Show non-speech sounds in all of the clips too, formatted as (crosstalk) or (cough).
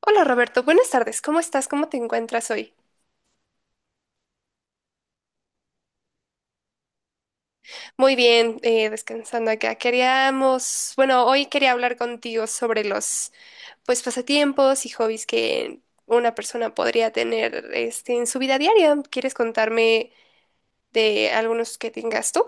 Hola Roberto, buenas tardes. ¿Cómo estás? ¿Cómo te encuentras hoy? Muy bien, descansando acá. Hoy quería hablar contigo sobre pasatiempos y hobbies que una persona podría tener, este, en su vida diaria. ¿Quieres contarme de algunos que tengas tú?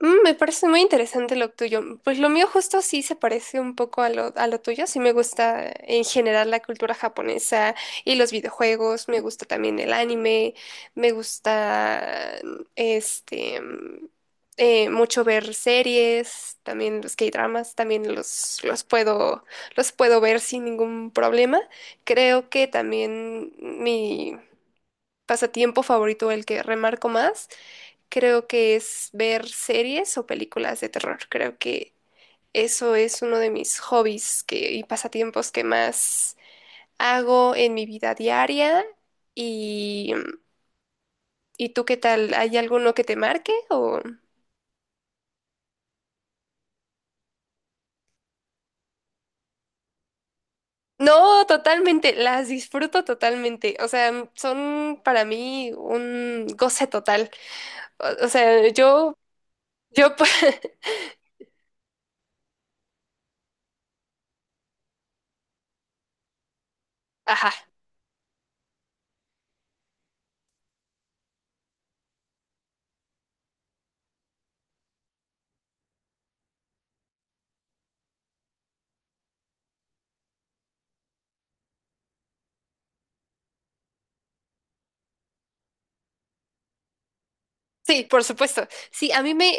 Mm, me parece muy interesante lo tuyo. Pues lo mío justo sí se parece un poco a a lo tuyo. Sí me gusta en general la cultura japonesa y los videojuegos. Me gusta también el anime. Me gusta este mm, mucho ver series, también los K-dramas, también los puedo ver sin ningún problema. Creo que también mi pasatiempo favorito, el que remarco más, creo que es ver series o películas de terror. Creo que eso es uno de mis hobbies y pasatiempos que más hago en mi vida diaria. Y, ¿Y tú qué tal? ¿Hay alguno que te marque o...? No, totalmente, las disfruto totalmente. O sea, son para mí un goce total. O, o sea, yo, (laughs) pues, ajá. Sí, por supuesto. Sí, a mí me,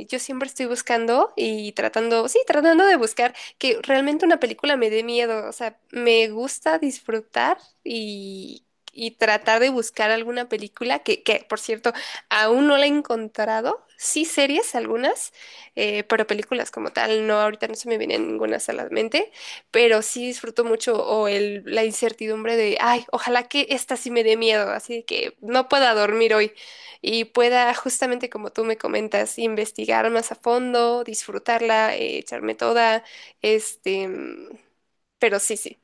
yo siempre estoy buscando y tratando de buscar que realmente una película me dé miedo. O sea, me gusta disfrutar y, y tratar de buscar alguna película por cierto, aún no la he encontrado. Sí, series algunas, pero películas como tal, no, ahorita no se me viene ninguna a la mente, pero sí disfruto mucho o la incertidumbre de, ay, ojalá que esta sí me dé miedo, así que no pueda dormir hoy y pueda, justamente como tú me comentas, investigar más a fondo, disfrutarla, echarme toda, este, mm, pero sí, sí.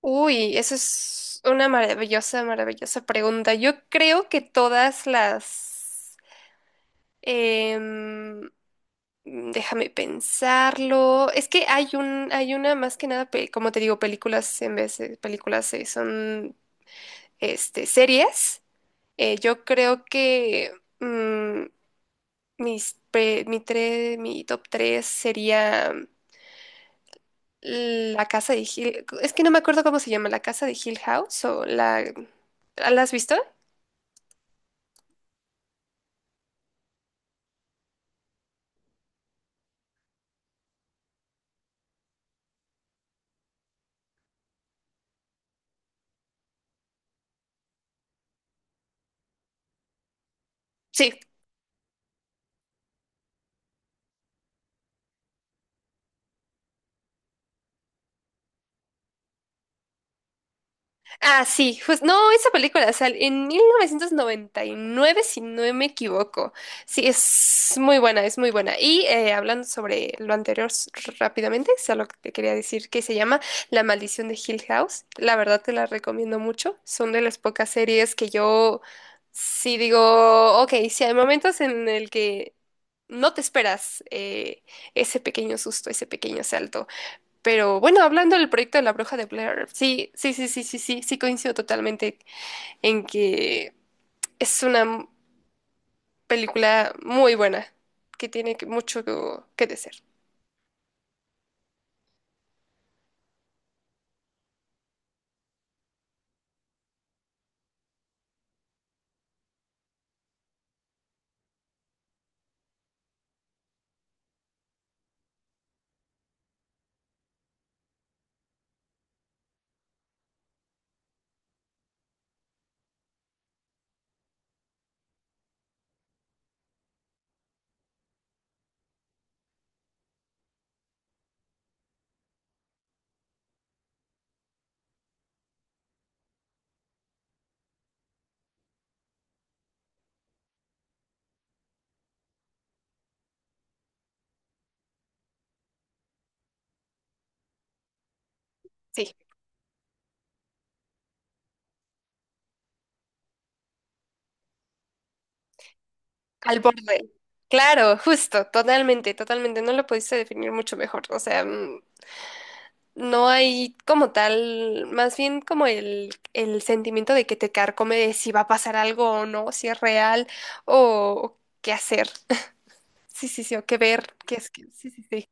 Uy, eso es una maravillosa, maravillosa pregunta. Yo creo que todas las... em, déjame pensarlo. Es que hay hay una más que nada, como te digo, películas en vez de películas, son este, series. Yo creo que... mm, Mis pre- mi, tre- mi top 3 sería la casa de Hill. Es que no me acuerdo cómo se llama, la casa de Hill House o la... ¿La has visto? Sí. Ah, sí, pues no, esa película sale en 1999, si no me equivoco. Sí, es muy buena, es muy buena. Hablando sobre lo anterior rápidamente, solo te quería decir que se llama La Maldición de Hill House. La verdad te la recomiendo mucho. Son de las pocas series que yo sí digo, ok, si hay momentos en el que no te esperas ese pequeño susto, ese pequeño salto. Pero bueno, hablando del proyecto de la Bruja de Blair, sí, sí, sí, sí, sí, sí, sí coincido totalmente en que es película muy buena, que mucho que decir. Sí, al borde. Claro, justo, totalmente, totalmente. No lo pudiste definir mucho mejor. No hay como tal, más bien como el sentimiento de que te carcome de si va a pasar algo o no, si es real o qué hacer. (laughs) Sí, sí, sí, o qué ver, qué es que. Sí, sí, sí.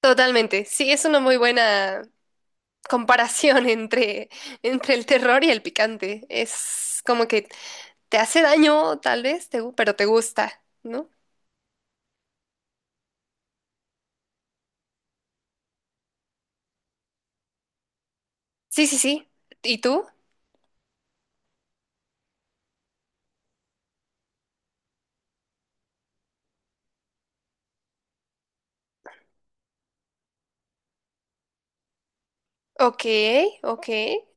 Totalmente. Sí, es una muy buena comparación (laughs) entre, entre el terror y el picante. Es como que te hace daño, tal vez, pero te gusta, ¿no? Sí, sí, sí. ¿Y tú? Ok, ok.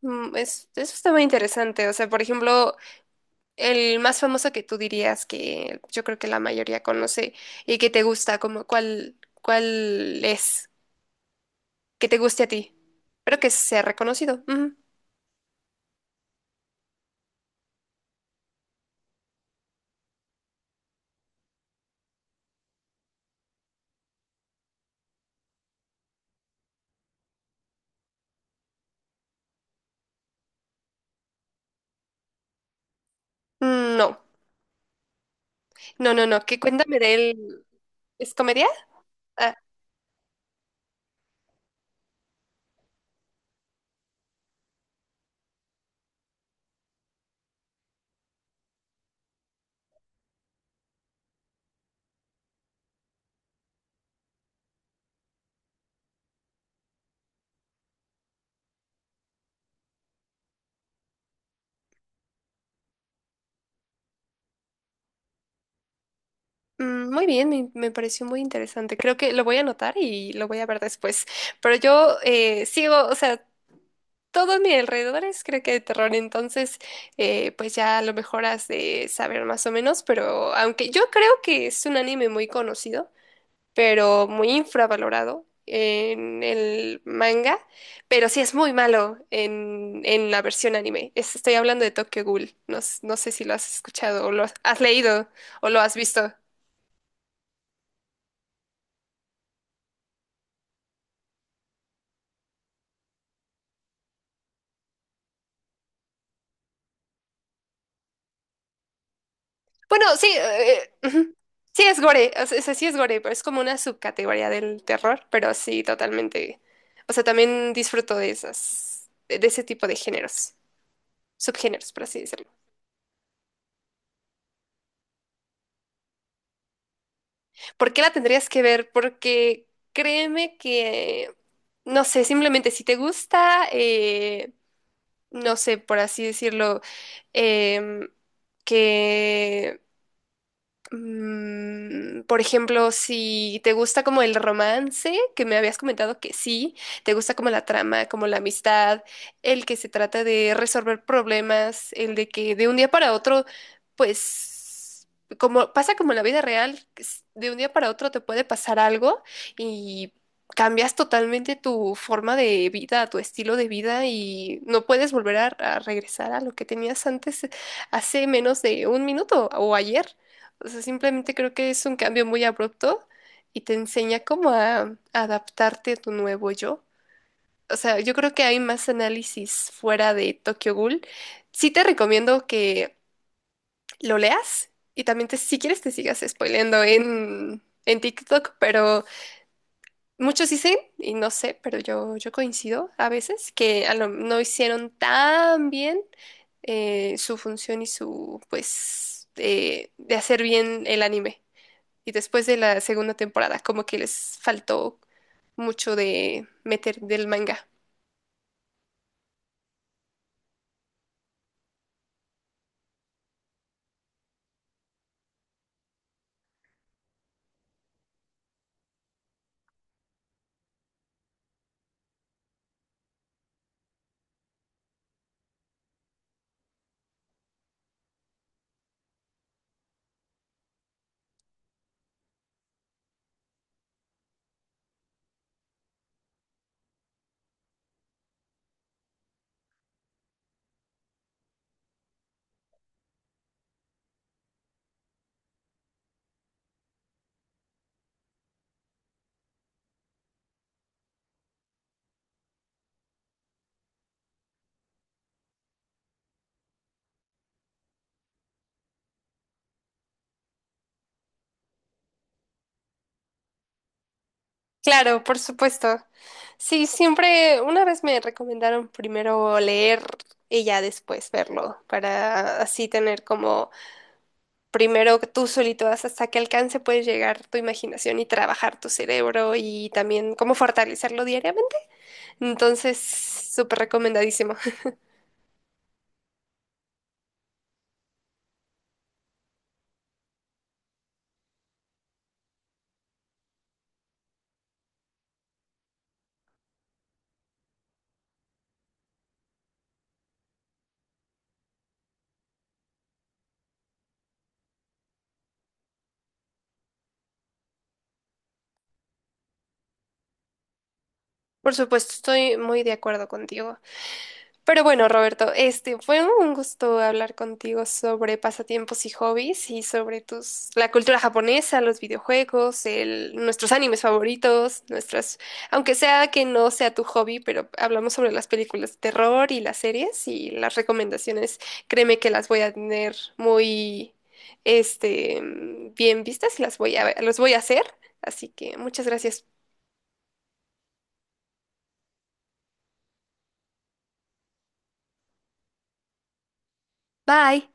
Eso está muy interesante. O sea, por ejemplo, el más famoso que tú dirías que yo creo que la mayoría conoce y que te gusta, como cuál es, que te guste a ti, pero que sea reconocido. Ujú. No, no, no, no. Que cuéntame de él. ¿Es comedia? Ah, muy bien, me pareció muy interesante. Creo que lo voy a anotar y lo voy a ver después. Pero yo sigo, o sea, todo a mi alrededor es creo que de terror. Entonces, pues ya a lo mejor has de saber más o menos. Pero aunque yo creo que es un anime muy conocido, pero muy infravalorado en el manga. Pero sí es muy malo en la versión anime. Estoy hablando de Tokyo Ghoul. No sé si lo has escuchado o lo has has leído o lo has visto. Bueno, sí, ujú. Sí es gore, o sea, sí es gore, pero es como una subcategoría del terror, pero sí, totalmente. O sea, también disfruto de esas, de ese tipo de géneros, subgéneros, por así decirlo. ¿Por qué la tendrías que ver? Porque créeme que, no sé, simplemente si te gusta, no sé, por así decirlo, em, que Mm, por ejemplo, si te gusta como el romance, que me habías comentado que sí, te gusta como la trama, como la amistad, el que se trata de resolver problemas, el de que de un día para otro, pues, como pasa como en la vida real, de un día para otro te puede pasar algo y cambias totalmente tu forma de vida, tu estilo de vida y no puedes volver a regresar a lo que tenías antes hace menos de un minuto o ayer. O sea, simplemente creo que es un cambio muy abrupto y te enseña cómo a adaptarte a tu nuevo yo. O sea, yo creo que hay más análisis fuera de Tokyo Ghoul. Sí te recomiendo que lo leas y también si quieres te sigas spoileando en TikTok, pero muchos dicen, y no sé, pero yo coincido a veces, que no hicieron tan bien su función y su, pues, de hacer bien el anime. Y después de la segunda temporada, como que les faltó mucho de meter del manga. Claro, por supuesto. Sí, siempre, una vez me recomendaron primero leer y ya después verlo, para así tener como primero tú solito hasta qué alcance puedes llegar tu imaginación y trabajar tu cerebro y también cómo fortalecerlo diariamente. Entonces, súper recomendadísimo. Por supuesto, estoy muy de acuerdo contigo. Pero bueno, Roberto, este fue un gusto hablar contigo sobre pasatiempos y hobbies y sobre tus la cultura japonesa, los videojuegos, nuestros animes favoritos, nuestras, aunque sea que no sea tu hobby, pero hablamos sobre las películas de terror y las series y las recomendaciones. Créeme que las voy a tener muy este bien vistas y las voy a los voy a hacer, así que muchas gracias. Bye.